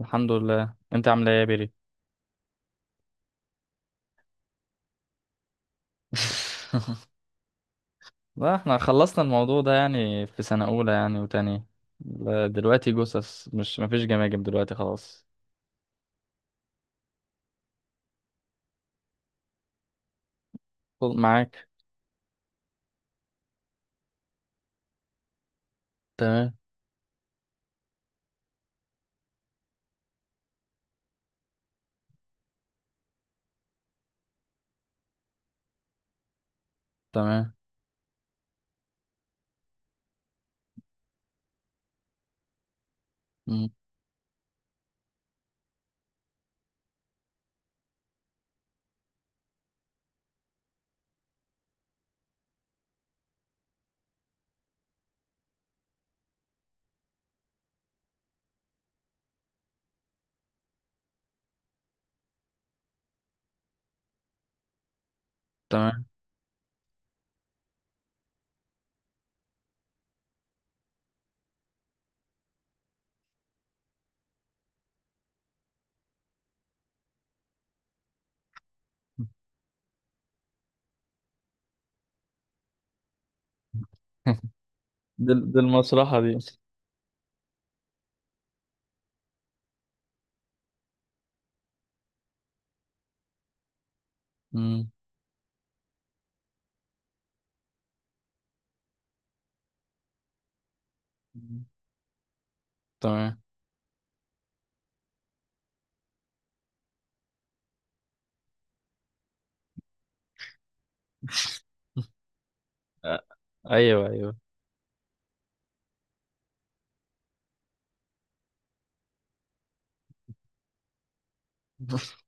الحمد لله، انت عامله ايه يا بيري؟ لا، احنا خلصنا الموضوع ده يعني في سنه اولى يعني وتانية. لا، دلوقتي جثث، مش مفيش جماجم دلوقتي خلاص. خد معاك. تمام، تمام. مم. تمام. دي المصلحه دي. مم. تمام. آه، ايوه، ايوه.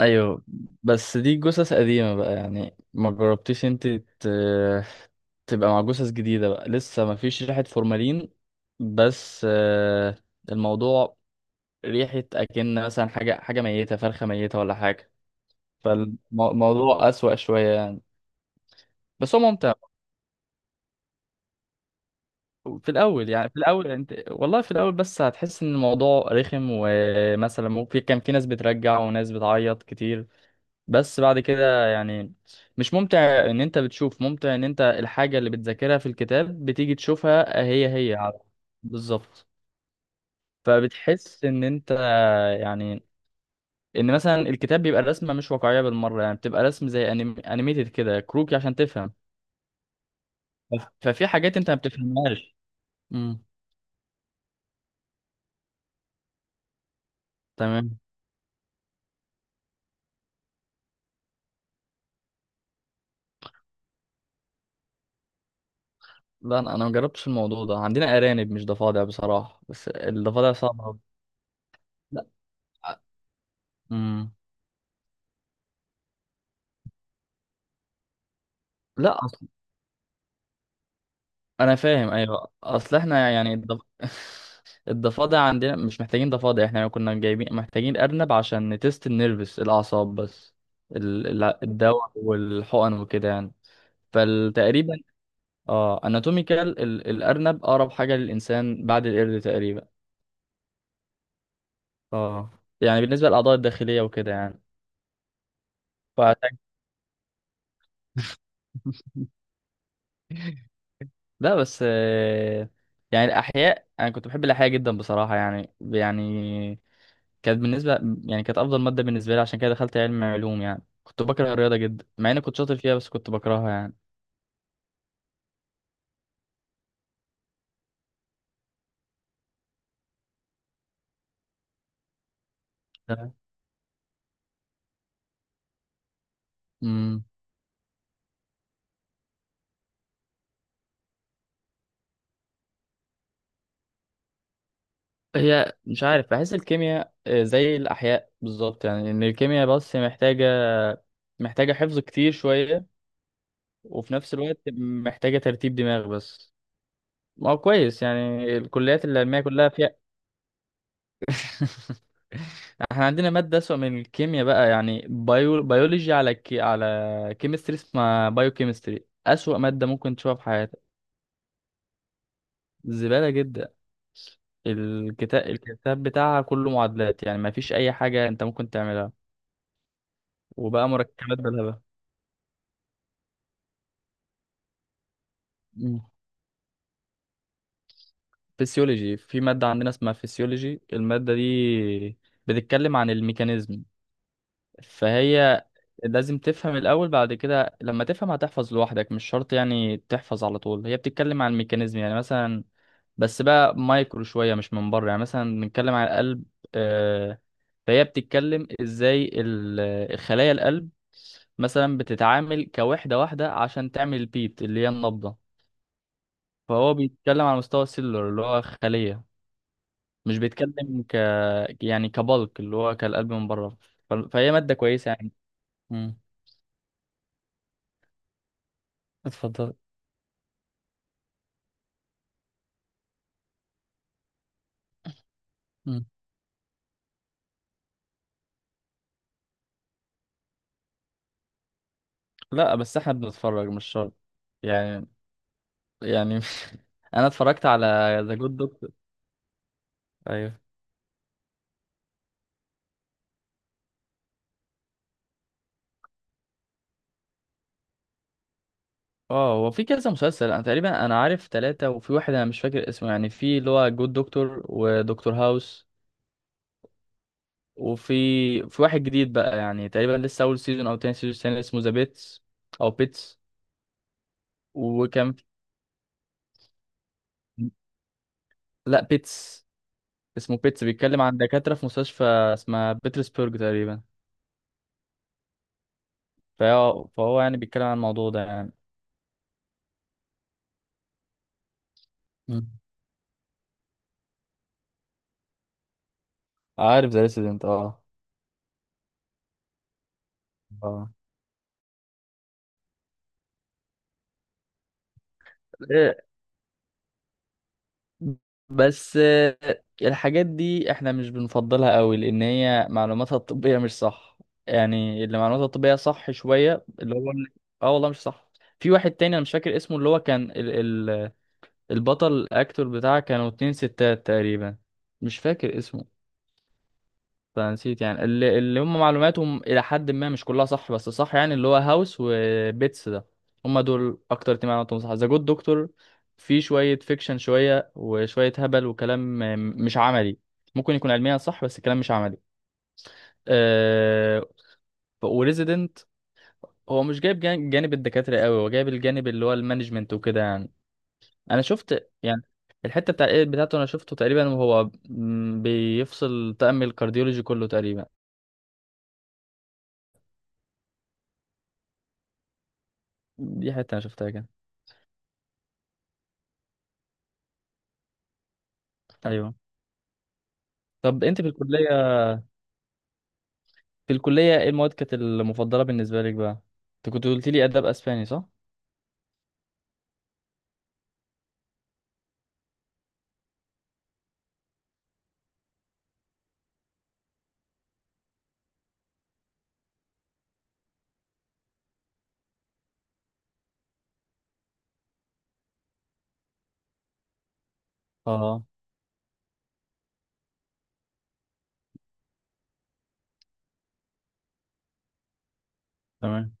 ايوه، بس دي جثث قديمة بقى، يعني ما جربتيش انت تبقى مع جثث جديدة بقى لسه ما فيش ريحة فورمالين. بس الموضوع، ريحة اكن مثلا حاجة ميتة، فرخة ميتة ولا حاجة. فالموضوع أسوأ شوية يعني. بس هو ممتع. في الأول يعني، في الأول يعني أنت والله في الأول، بس هتحس إن الموضوع رخم، ومثلا ممكن كان في ناس بترجع وناس بتعيط كتير. بس بعد كده يعني مش ممتع، ان انت بتشوف ممتع ان انت الحاجة اللي بتذاكرها في الكتاب بتيجي تشوفها هي هي. بالظبط. فبتحس ان انت، يعني ان مثلا الكتاب بيبقى الرسمة مش واقعية بالمرة، يعني بتبقى رسم زي انيميتد كده كروكي عشان تفهم. ففي حاجات انت ما بتفهمهاش. امم. تمام. لا، انا ما جربتش الموضوع ده، عندنا ارانب مش ضفادع بصراحة، بس الضفادع صعبة أوي. لا. امم. لا، انا فاهم، ايوه، اصل احنا يعني الضفادع عندنا مش محتاجين ضفادع، احنا كنا جايبين محتاجين ارنب عشان نتست النيرفس الاعصاب بس. الدواء والحقن وكده يعني. فتقريبا. اه. اناتوميكال الارنب اقرب حاجه للانسان بعد القرد تقريبا. اه، يعني بالنسبه للاعضاء الداخليه وكده يعني. فعشان. لا، بس يعني الأحياء أنا كنت بحب الأحياء جدا بصراحة، يعني كانت بالنسبة، يعني كانت أفضل مادة بالنسبة لي، عشان كده دخلت علم علوم، يعني كنت بكره الرياضة جدا مع إني كنت شاطر فيها بس كنت بكرهها يعني. تمام. امم هي مش عارف، بحس الكيمياء زي الأحياء بالظبط، يعني إن الكيمياء بس محتاجة حفظ كتير شوية، وفي نفس الوقت محتاجة ترتيب دماغ بس. ما هو كويس يعني، الكليات العلمية كلها فيها. احنا عندنا مادة أسوأ من الكيمياء بقى، يعني بيولوجي على على كيمستري، اسمها بايو كيمستري، أسوأ مادة ممكن تشوفها في حياتك. زبالة جدا. الكتاب بتاعها كله معادلات، يعني ما فيش أي حاجة أنت ممكن تعملها، وبقى مركبات بالهبل. مم. فيسيولوجي، في مادة عندنا اسمها فيسيولوجي، المادة دي بتتكلم عن الميكانيزم. فهي لازم تفهم الأول، بعد كده لما تفهم هتحفظ لوحدك، مش شرط يعني تحفظ على طول، هي بتتكلم عن الميكانيزم يعني مثلا، بس بقى مايكرو شوية مش من بره. يعني مثلا بنتكلم عن القلب، آه، فهي بتتكلم ازاي خلايا القلب مثلا بتتعامل كوحدة واحدة عشان تعمل البيت اللي هي النبضة. فهو بيتكلم على مستوى السيلولر، اللي هو خلية، مش بيتكلم يعني كبلك اللي هو كالقلب من بره. فهي مادة كويسة يعني. مم. اتفضل. مم. لا، بس احنا بنتفرج مش شرط، يعني، يعني. انا اتفرجت على ذا جود دكتور. ايوه. اه، هو في كذا مسلسل، انا تقريبا انا عارف ثلاثة، وفي واحد انا مش فاكر اسمه، يعني في اللي هو جود دكتور ودكتور هاوس. وفي واحد جديد بقى يعني، تقريبا لسه اول سيزون او تاني سيزون، تاني اسمه ذا بيتس او بيتس. وكان لا، بيتس. اسمه بيتس، بيتكلم عن دكاترة في مستشفى اسمها بيترسبرج تقريبا. فهو يعني بيتكلم عن الموضوع ده، يعني. عارف ذا ريسيدنت، اه. اه. آه، بس الحاجات دي احنا مش بنفضلها قوي لان هي معلوماتها الطبية مش صح. يعني اللي معلوماتها الطبية صح شوية، اللي هو اه والله مش صح. في واحد تاني انا مش فاكر اسمه، اللي هو كان ال... البطل الاكتور بتاعه، كانوا اتنين ستات تقريبا. مش فاكر اسمه. فنسيت، يعني اللي هم معلوماتهم الى حد ما مش كلها صح بس صح، يعني اللي هو هاوس وبيتس ده، هم دول اكتر اتنين معلوماتهم صح. ذا جود دكتور في شويه فيكشن شويه، وشويه هبل وكلام مش عملي. ممكن يكون علميا صح بس الكلام مش عملي. أه وريزيدنت هو مش جايب جانب الدكاتره قوي، هو جايب الجانب اللي هو المانجمنت وكده يعني. انا شفت يعني الحته بتاع الإيد بتاعته، انا شفته تقريبا، وهو بيفصل تأمل الكارديولوجي كله تقريبا. دي حته انا شفتها كده. ايوه. طب انت في الكليه، في الكليه ايه المواد كانت المفضله بالنسبه لك بقى؟ انت كنت قلت لي اداب اسباني، صح؟ اه. تمام.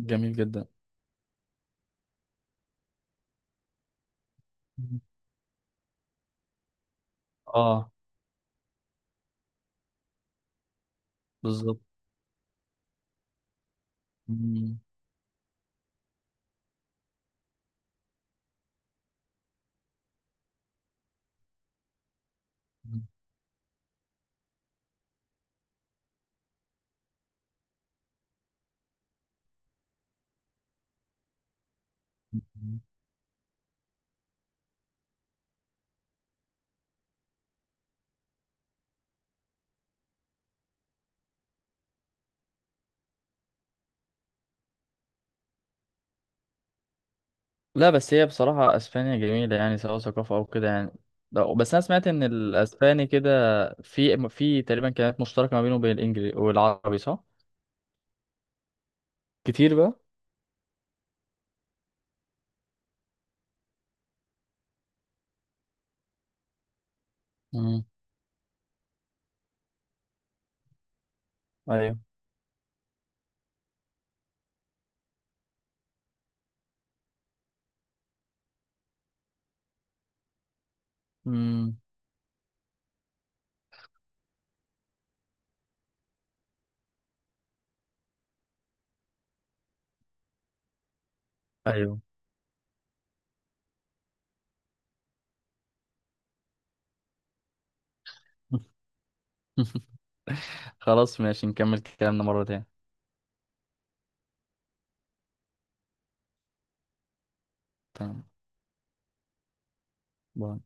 جميل جدا. مم. اه. بالظبط. مم. لا، بس هي بصراحه اسبانيا جميله، يعني سواء ثقافه او كده يعني. لا، بس انا سمعت ان الاسباني كده، في تقريبا كلمات مشتركه ما بينه وبين الانجليزي والعربي، صح؟ كتير بقى. امم. ايوه. امم. ايوه. خلاص ماشي، نكمل كلامنا مره تانية. تمام. باي.